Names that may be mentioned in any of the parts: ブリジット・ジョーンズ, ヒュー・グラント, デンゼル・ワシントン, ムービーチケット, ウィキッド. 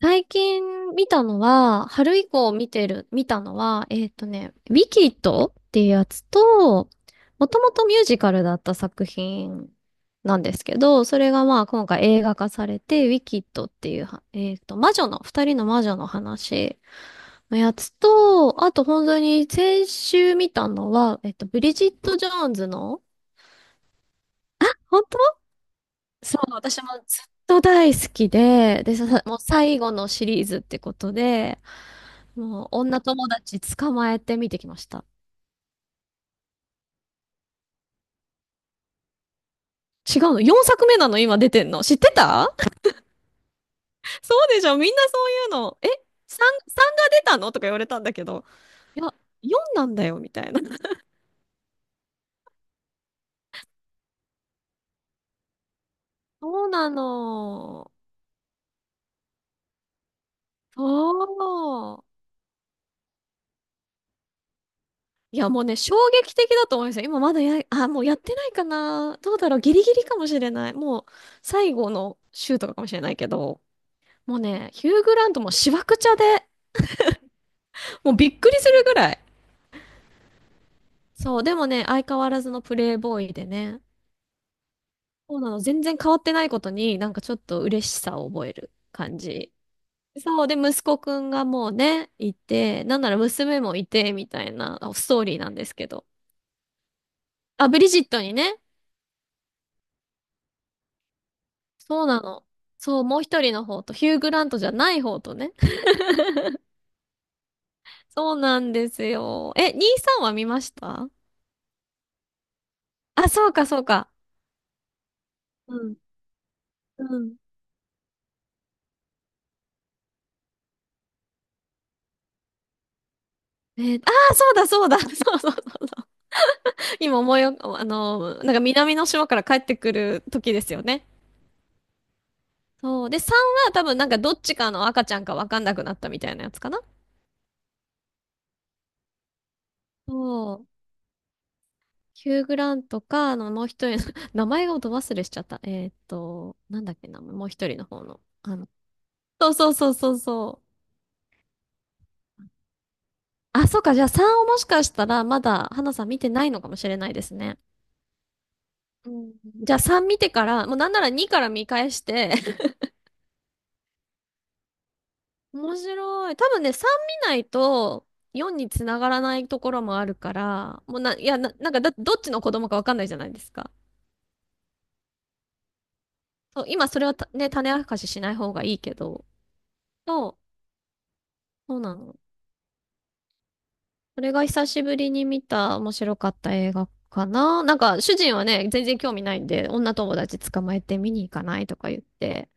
最近見たのは、春以降見てる、見たのは、ウィキッドっていうやつと、もともとミュージカルだった作品なんですけど、それがまあ今回映画化されて、ウィキッドっていうは、魔女の、二人の魔女の話のやつと、あと本当に先週見たのは、ブリジット・ジョーンズの、あ、本そう、私もずっと大好きで、で、さ、もう最後のシリーズってことで、もう女友達捕まえて見てきました。違うの？ 4 作目なの今出てんの知ってた？そうでしょみんなそういうの。え？ 3、3が出たのとか言われたんだけど。いや、4なんだよ、みたいな。そうなの。そう。いや、もうね、衝撃的だと思いますよ。今まだや、あ、もうやってないかな。どうだろう。ギリギリかもしれない。もう、最後の週とかかもしれないけど、もうね、ヒュー・グラントもしわくちゃで、もうびっくりするぐらい。そう、でもね、相変わらずのプレイボーイでね、そうなの、全然変わってないことに、なんかちょっと嬉しさを覚える感じ。そう、で、息子くんがもうね、いて、なんなら娘もいて、みたいなあストーリーなんですけど。あ、ブリジットにね、そうなの。そう、もう一人の方と、ヒュー・グラントじゃない方とね。そうなんですよ。え、兄さんは見ました？あ、そうか、そうか。うん。うん。そうだ、そうだ。そうそうそう。今思いよ、あの、なんか南の島から帰ってくる時ですよね。そう。で、3は多分なんかどっちかの赤ちゃんかわかんなくなったみたいなやつかな。そう。ヒュー・グラントか、あの、もう一人の 名前がど忘れしちゃった。なんだっけな、もう一人の方の。あの、そうそうそうそうそう。あ、そうか。じゃあ3をもしかしたらまだ花さん見てないのかもしれないですね。うん。じゃあ3見てから、もうなんなら2から見返して、面白い。多分ね、3見ないと4につながらないところもあるから、もうな、いや、な、なんかだ、どっちの子供かわかんないじゃないですか。そう、今それはたね、種明かししない方がいいけど、そう、そうなの。それが久しぶりに見た面白かった映画かな。なんか、主人はね、全然興味ないんで、女友達捕まえて見に行かないとか言って、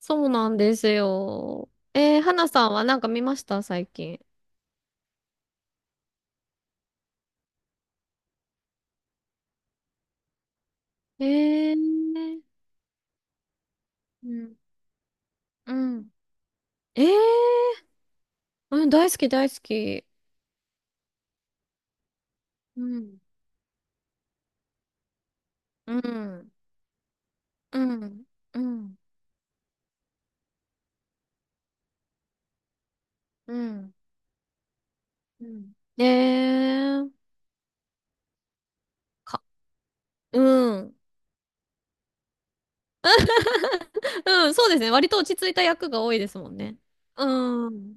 そうなんですよ。えー、花さんはなんか見ました？最近。えー、うん、うん、えー、うん、大好き大好き。うん、うん、うん、うん、うん。うん。えー、か、うん。うん、そうですね。割と落ち着いた役が多いですもんね。うん。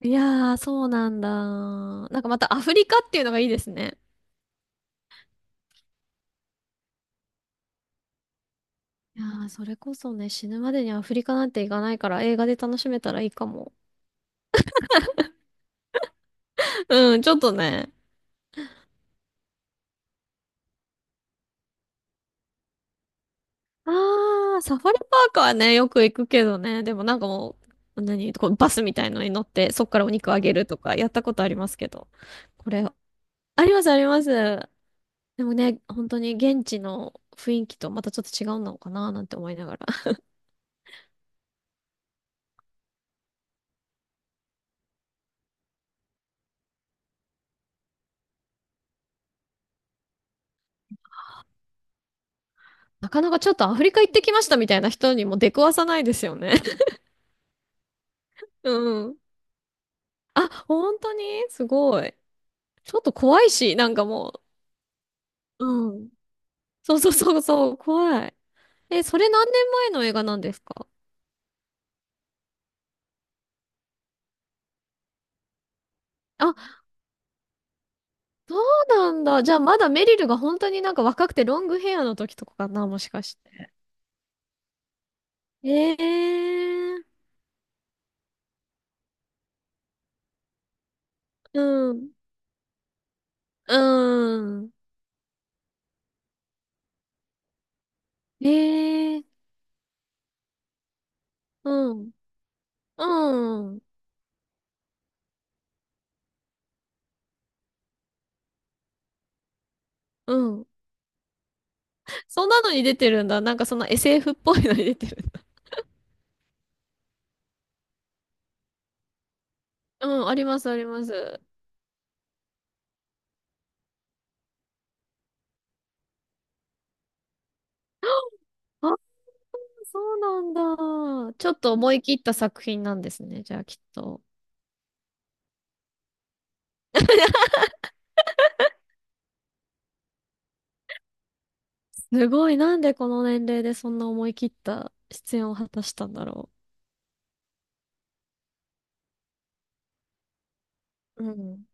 いやー、そうなんだ。なんかまたアフリカっていうのがいいですね。いやー、それこそね、死ぬまでにアフリカなんて行かないから映画で楽しめたらいいかも。うん、ちょっとね。ああ、サファリパークはね、よく行くけどね。でもなんかもう、何、こうバスみたいのに乗って、そっからお肉あげるとか、やったことありますけど。これ、あります、あります。でもね、本当に現地の雰囲気とまたちょっと違うのかな、なんて思いながら。なかなかちょっとアフリカ行ってきましたみたいな人にも出くわさないですよね。うん。あ、本当にすごい。ちょっと怖いし、なんかもう。うん。そうそうそうそう、怖い。え、それ何年前の映画なんですか？あ、そうなんだ。じゃあまだメリルが本当になんか若くてロングヘアの時とかかな、もしかして。ええー、うん、うん、ええー、うん、うん、うん。そんなのに出てるんだ。なんかその SF っぽいのに出てるんだ。うん、あります、あります。あ、そうなんだ。ちょっと思い切った作品なんですね、じゃあきっと。すごい、なんでこの年齢でそんな思い切った出演を果たしたんだろう。うん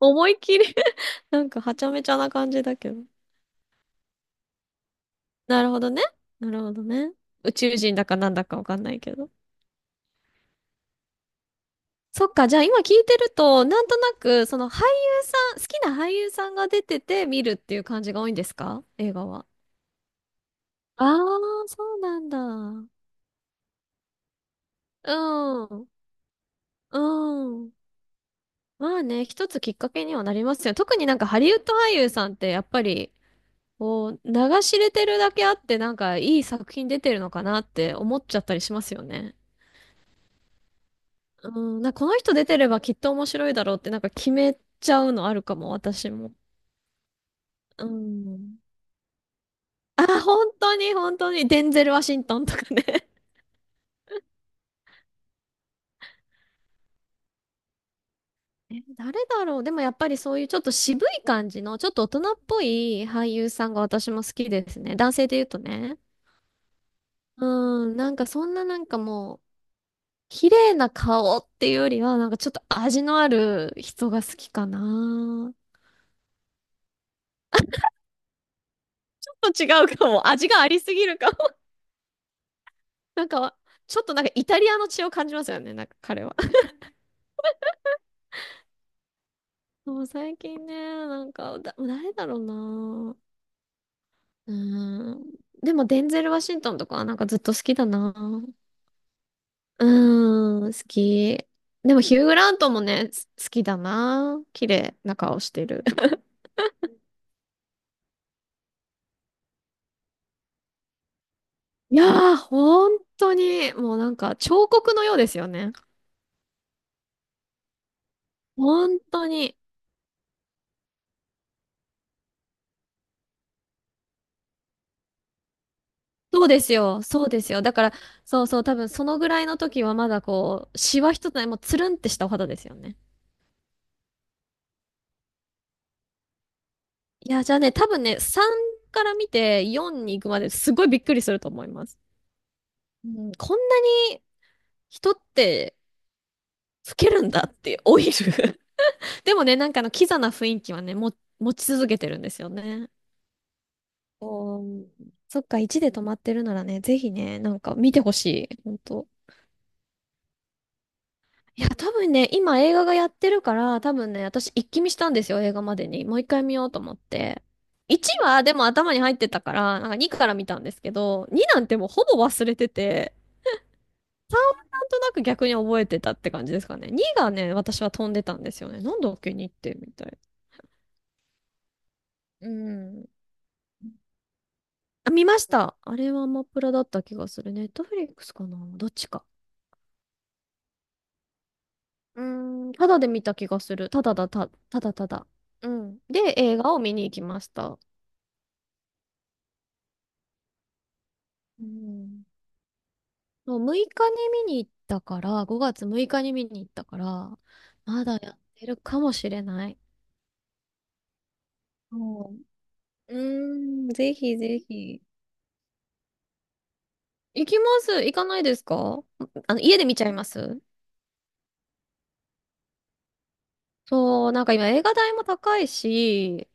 思いっきり なんかはちゃめちゃな感じだけど。なるほどね。なるほどね。宇宙人だかなんだかわかんないけど。そっか、じゃあ今聞いてると、なんとなく、その俳優さん、好きな俳優さんが出てて見るっていう感じが多いんですか？映画は。ああ、そうなんだ。うん。うん。まあね、一つきっかけにはなりますよ。特になんかハリウッド俳優さんってやっぱり、こう、流し入れてるだけあって、なんかいい作品出てるのかなって思っちゃったりしますよね。うん、なんかこの人出てればきっと面白いだろうってなんか決めちゃうのあるかも、私も。うん。あ、本当に本当に。デンゼル・ワシントンとかね。え、誰だろう。でもやっぱりそういうちょっと渋い感じの、ちょっと大人っぽい俳優さんが私も好きですね。男性で言うとね。うん、なんかそんななんかもう、綺麗な顔っていうよりは、なんかちょっと味のある人が好きかな。ちょっと違うかも。味がありすぎるかも。なんか、ちょっとなんかイタリアの血を感じますよね、なんか彼は。もう最近ね、なんか、誰だろうな。うーん。でも、デンゼル・ワシントンとかはなんかずっと好きだな。うーん、好き。でも、ヒュー・グラントもね、好きだな。綺麗な顔してる。いやー、本当に、もうなんか彫刻のようですよね。本当に。そうですよ、そうですよ。だから、そうそう、多分そのぐらいの時はまだこう、シワ一つない、もうつるんってしたお肌ですよね。いや、じゃあね、多分ね、3から見て4に行くまですごいびっくりすると思います。うん、こんなに人って老けるんだって老いる でもね、なんかあのキザな雰囲気はね、持ち続けてるんですよね。おーそっか、1で止まってるならね、ぜひね、なんか見てほしい。本当。いや、多分ね、今映画がやってるから、多分ね、私一気見したんですよ、映画までに。もう一回見ようと思って。1はでも頭に入ってたから、なんか2から見たんですけど、2なんてもうほぼ忘れてて、なんとなく逆に覚えてたって感じですかね。2がね、私は飛んでたんですよね。なんだっけ、2ってみたい。うん。あ、見ました。あれはアマプラだった気がする。ネットフリックスかなどっちか。うーん、ただで見た気がする。ただだ、ただただ。うん。で、映画を見に行きました。うんそう6日に見に行ったから、5月6日に見に行ったから、まだやってるかもしれない。そう。うーん、ぜひぜひ。行きます。行かないですか？あの、家で見ちゃいます？そう、なんか今映画代も高いし、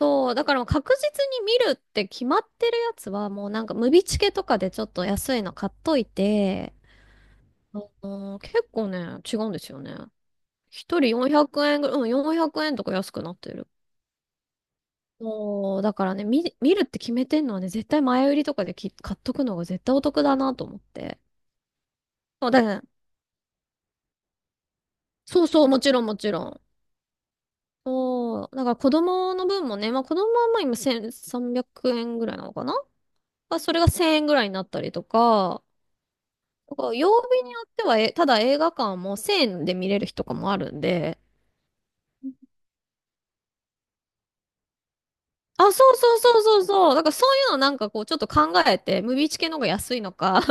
そう、だからもう確実に見るって決まってるやつは、もうなんかムビチケとかでちょっと安いの買っといて、あのー結構ね、違うんですよね。一人400円ぐらい、うん、400円とか安くなってる。そう、だからね、見るって決めてんのはね、絶対前売りとかでき買っとくのが絶対お得だなと思って。そうだね。そうそう、もちろんもちろん。そう、だから子供の分もね、まあ子供はまあ今1300円ぐらいなのかな？まあそれが1000円ぐらいになったりとか、だから曜日によっては、え、ただ映画館も1000円で見れる日とかもあるんで、あ、そうそうそうそうそう。だからそういうのなんかこうちょっと考えて、ムービーチ系の方が安いのか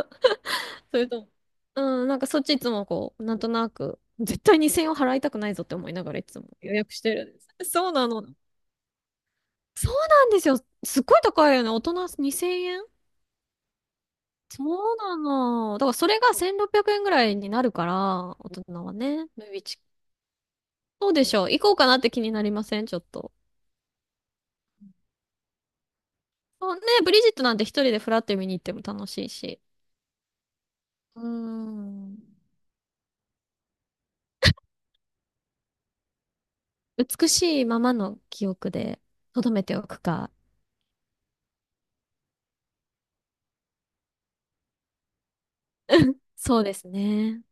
それとも、うん、なんかそっちいつもこう、なんとなく、絶対2000円を払いたくないぞって思いながらいつも予約してるんです。そうなの。そうなんですよ。すっごい高いよね。大人2000円そうなの。だからそれが1600円ぐらいになるから、大人はね。ムービーチケット。そうでしょう。行こうかなって気になりません？ちょっと。そうね、ブリジットなんて一人でフラッて見に行っても楽しいし。うーん。美しいままの記憶で留めておくか。そうですね。